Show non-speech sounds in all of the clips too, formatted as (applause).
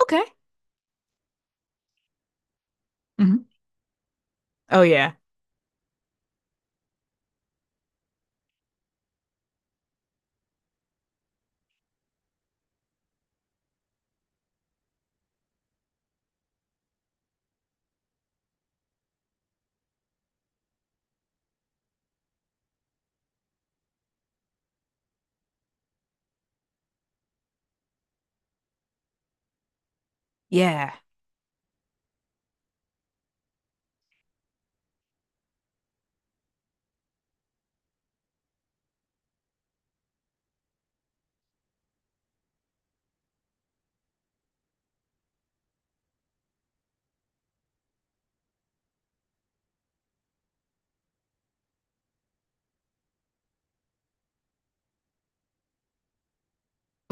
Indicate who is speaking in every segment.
Speaker 1: Okay. Hmm. Oh yeah. Yeah.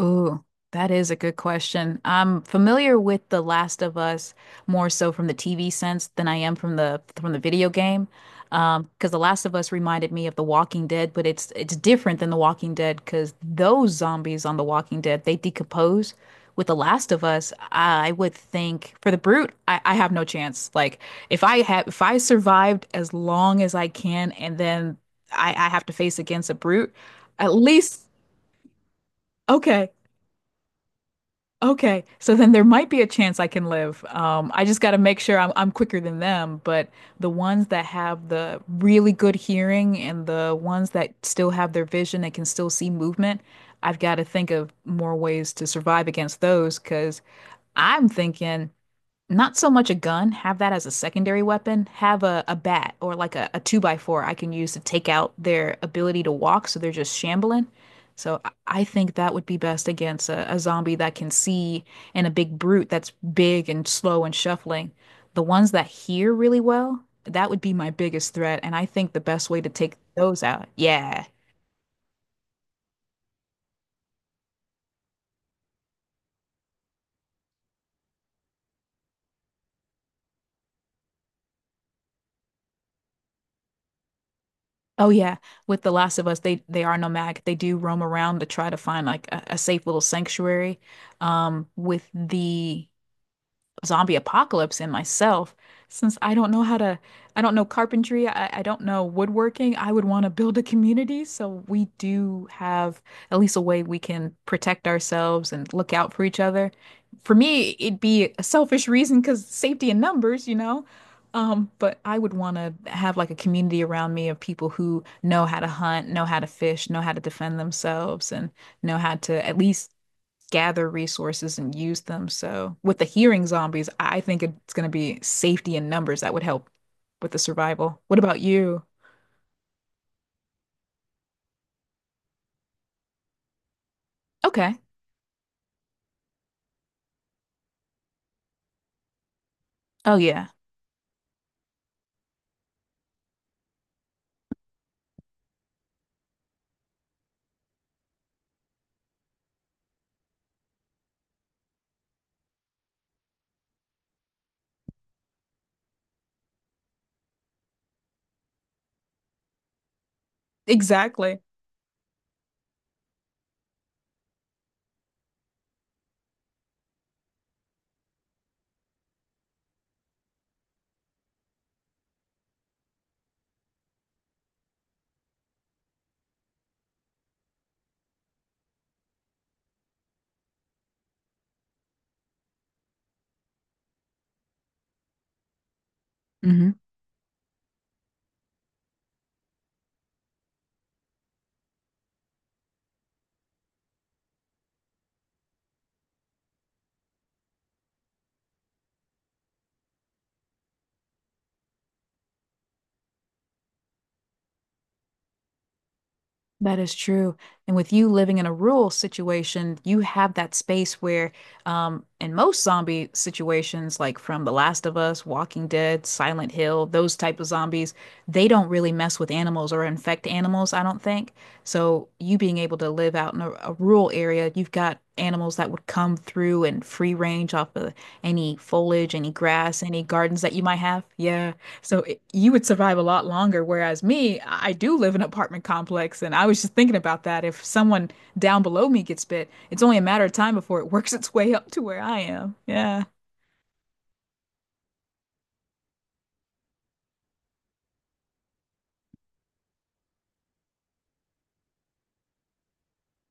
Speaker 1: Ooh, that is a good question. I'm familiar with The Last of Us more so from the TV sense than I am from the video game. Because The Last of Us reminded me of The Walking Dead, but it's different than The Walking Dead because those zombies on The Walking Dead, they decompose. With The Last of Us, I would think for the brute, I have no chance. Like if I have if I survived as long as I can and then I have to face against a brute, at least okay. Okay, so then there might be a chance I can live. I just got to make sure I'm quicker than them, but the ones that have the really good hearing and the ones that still have their vision and can still see movement, I've got to think of more ways to survive against those because I'm thinking not so much a gun, have that as a secondary weapon. Have a bat or like a two by four I can use to take out their ability to walk so they're just shambling. So I think that would be best against a zombie that can see and a big brute that's big and slow and shuffling. The ones that hear really well, that would be my biggest threat. And I think the best way to take those out, yeah. Oh yeah, with The Last of Us, they are nomadic. They do roam around to try to find like a safe little sanctuary. With the zombie apocalypse in myself. Since I don't know I don't know carpentry, I don't know woodworking, I would want to build a community. So we do have at least a way we can protect ourselves and look out for each other. For me, it'd be a selfish reason because safety in numbers, you know? But I would want to have like a community around me of people who know how to hunt, know how to fish, know how to defend themselves, and know how to at least gather resources and use them. So with the hearing zombies, I think it's going to be safety in numbers that would help with the survival. What about you? Okay. Oh yeah. Exactly. That is true. And with you living in a rural situation, you have that space where, in most zombie situations, like from The Last of Us, Walking Dead, Silent Hill, those type of zombies, they don't really mess with animals or infect animals, I don't think. So you being able to live out in a rural area, you've got animals that would come through and free range off of any foliage, any grass, any gardens that you might have. Yeah. So it, you would survive a lot longer, whereas me, I do live in an apartment complex, and I was just thinking about that. If someone down below me gets bit, it's only a matter of time before it (laughs) works its way up to where I am. Yeah.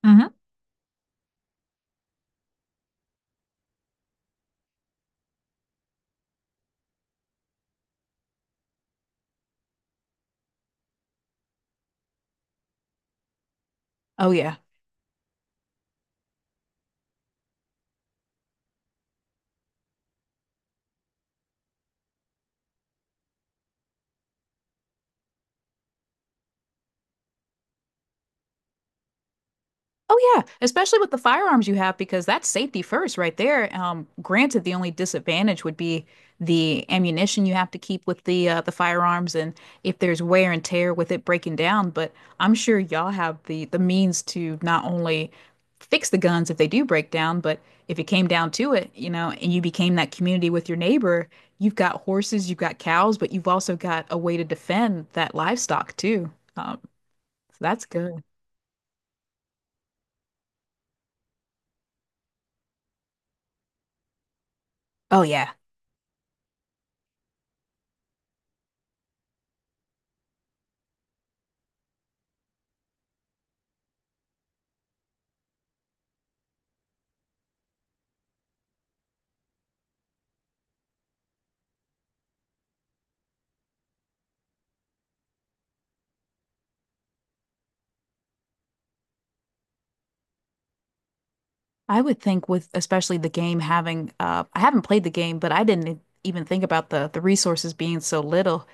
Speaker 1: Hmm. Oh yeah. Oh yeah, especially with the firearms you have because that's safety first right there. Granted, the only disadvantage would be the ammunition you have to keep with the firearms and if there's wear and tear with it breaking down, but I'm sure y'all have the means to not only fix the guns if they do break down, but if it came down to it, you know, and you became that community with your neighbor, you've got horses, you've got cows, but you've also got a way to defend that livestock too. Um, so that's good. Oh yeah. I would think with especially the game having I haven't played the game, but I didn't even think about the resources being so little.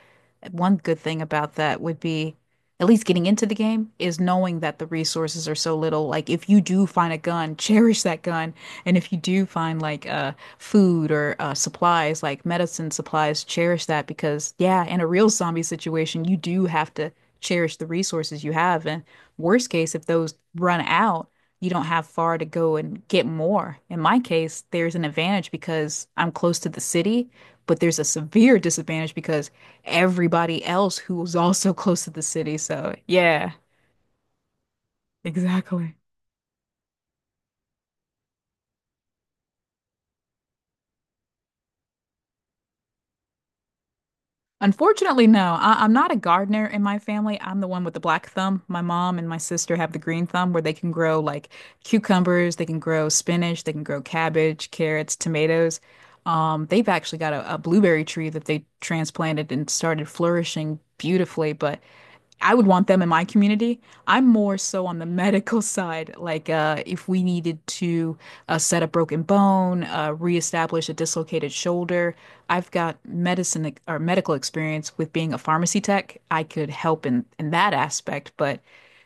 Speaker 1: One good thing about that would be at least getting into the game is knowing that the resources are so little. Like if you do find a gun, (laughs) cherish that gun. And if you do find like food or supplies, like medicine supplies, cherish that because yeah, in a real zombie situation, you do have to cherish the resources you have. And worst case, if those run out, you don't have far to go and get more. In my case, there's an advantage because I'm close to the city, but there's a severe (laughs) disadvantage because everybody else who was also close to the city. So, yeah, (laughs) exactly. Unfortunately, no. I'm not a gardener in my family. I'm the one with the black thumb. My mom and my sister have the green thumb where they can grow like cucumbers, they can grow spinach, they can grow cabbage, carrots, tomatoes. They've actually got a blueberry tree that they transplanted and started flourishing beautifully, but I would want them in my community. I'm more so on the (laughs) medical side, like if we needed to set a broken bone, reestablish a dislocated shoulder. I've got medicine or medical experience with being a pharmacy tech. I could help in that aspect, but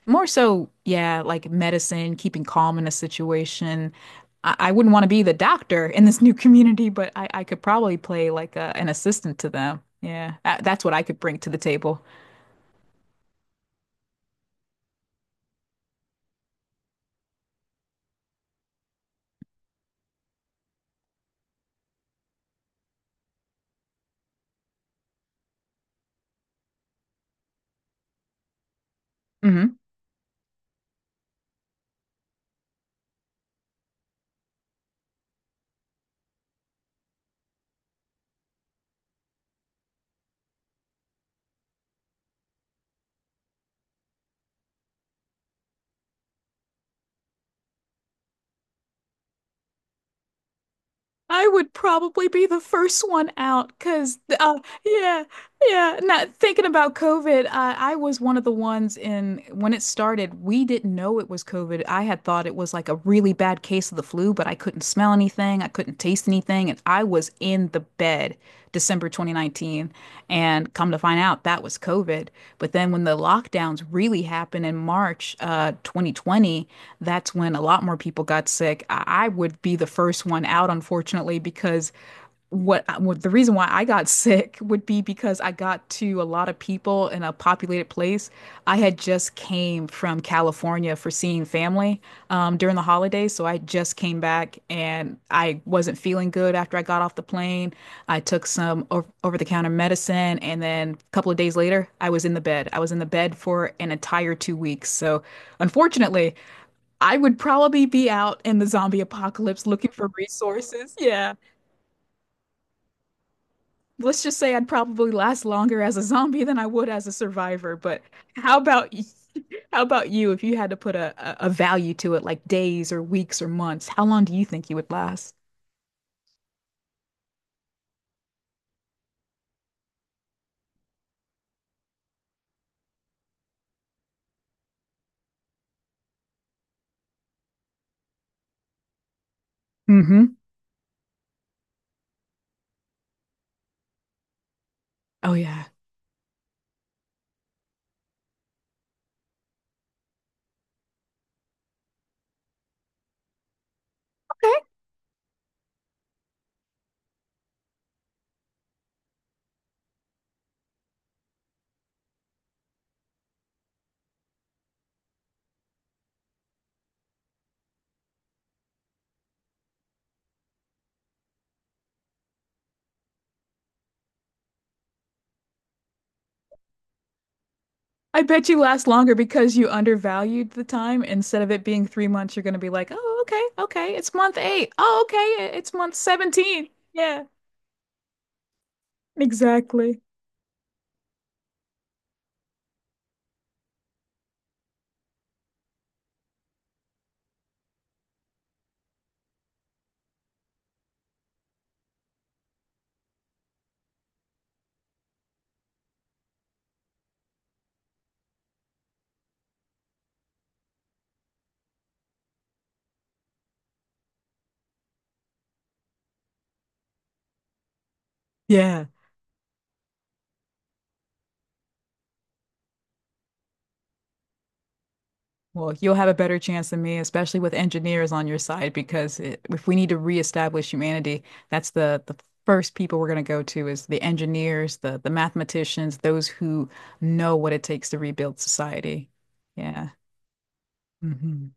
Speaker 1: more so, yeah, like medicine, keeping calm in a situation. I wouldn't want to be the doctor in this new (laughs) community, but I could probably play like an assistant to them. Yeah, that's what I could bring to the table. Mm-hmm. I would probably be the first one out because, yeah, yeah. Not thinking about COVID, I was one of the ones in when it started. We didn't know it was COVID. I had thought it was like a really bad case of the flu, but I couldn't smell anything, I couldn't taste anything, and I was in the bed December 2019. And come to find out, that was COVID. But then when the lockdowns really happened in March 2020, that's when a lot more people got sick. I would be the first one out, unfortunately, because what the reason why I got (laughs) sick would be because I got to a lot of people in a populated place. I had just came from California for seeing family during the holidays, so I just came back and I wasn't feeling good after I got off the plane. I took some over-the-counter medicine, and then a couple of days later, I was in the bed. I was in the bed for an entire two weeks. So, unfortunately, I would probably be out in the zombie apocalypse looking for resources. (laughs) Yeah, let's just say I'd probably last longer as a zombie than I would as a survivor. But how about y- (laughs) how about you if you had to put a, a value to it, like days or weeks or months? How long do you think you would last? Mm-hmm. Oh yeah. Okay. I bet you last longer because you undervalued the time. Instead of it being three months, you're going to be like, oh, okay, okay, it's month eight. Oh, okay, it's month 17. Yeah, exactly. Yeah. Well, you'll have a better chance than me, especially with engineers on your side, because it, if we need to reestablish humanity, that's the first people we're going to go to is the engineers, the mathematicians, those who know what it takes to rebuild society. Yeah. Hmm.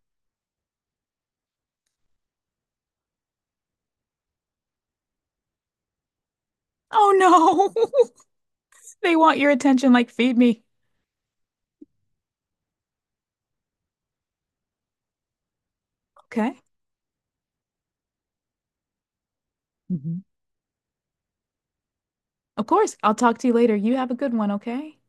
Speaker 1: Oh no, (laughs) they want your attention, like feed me. Okay. Hmm. Of course, I'll talk to you later. You have a good one, okay?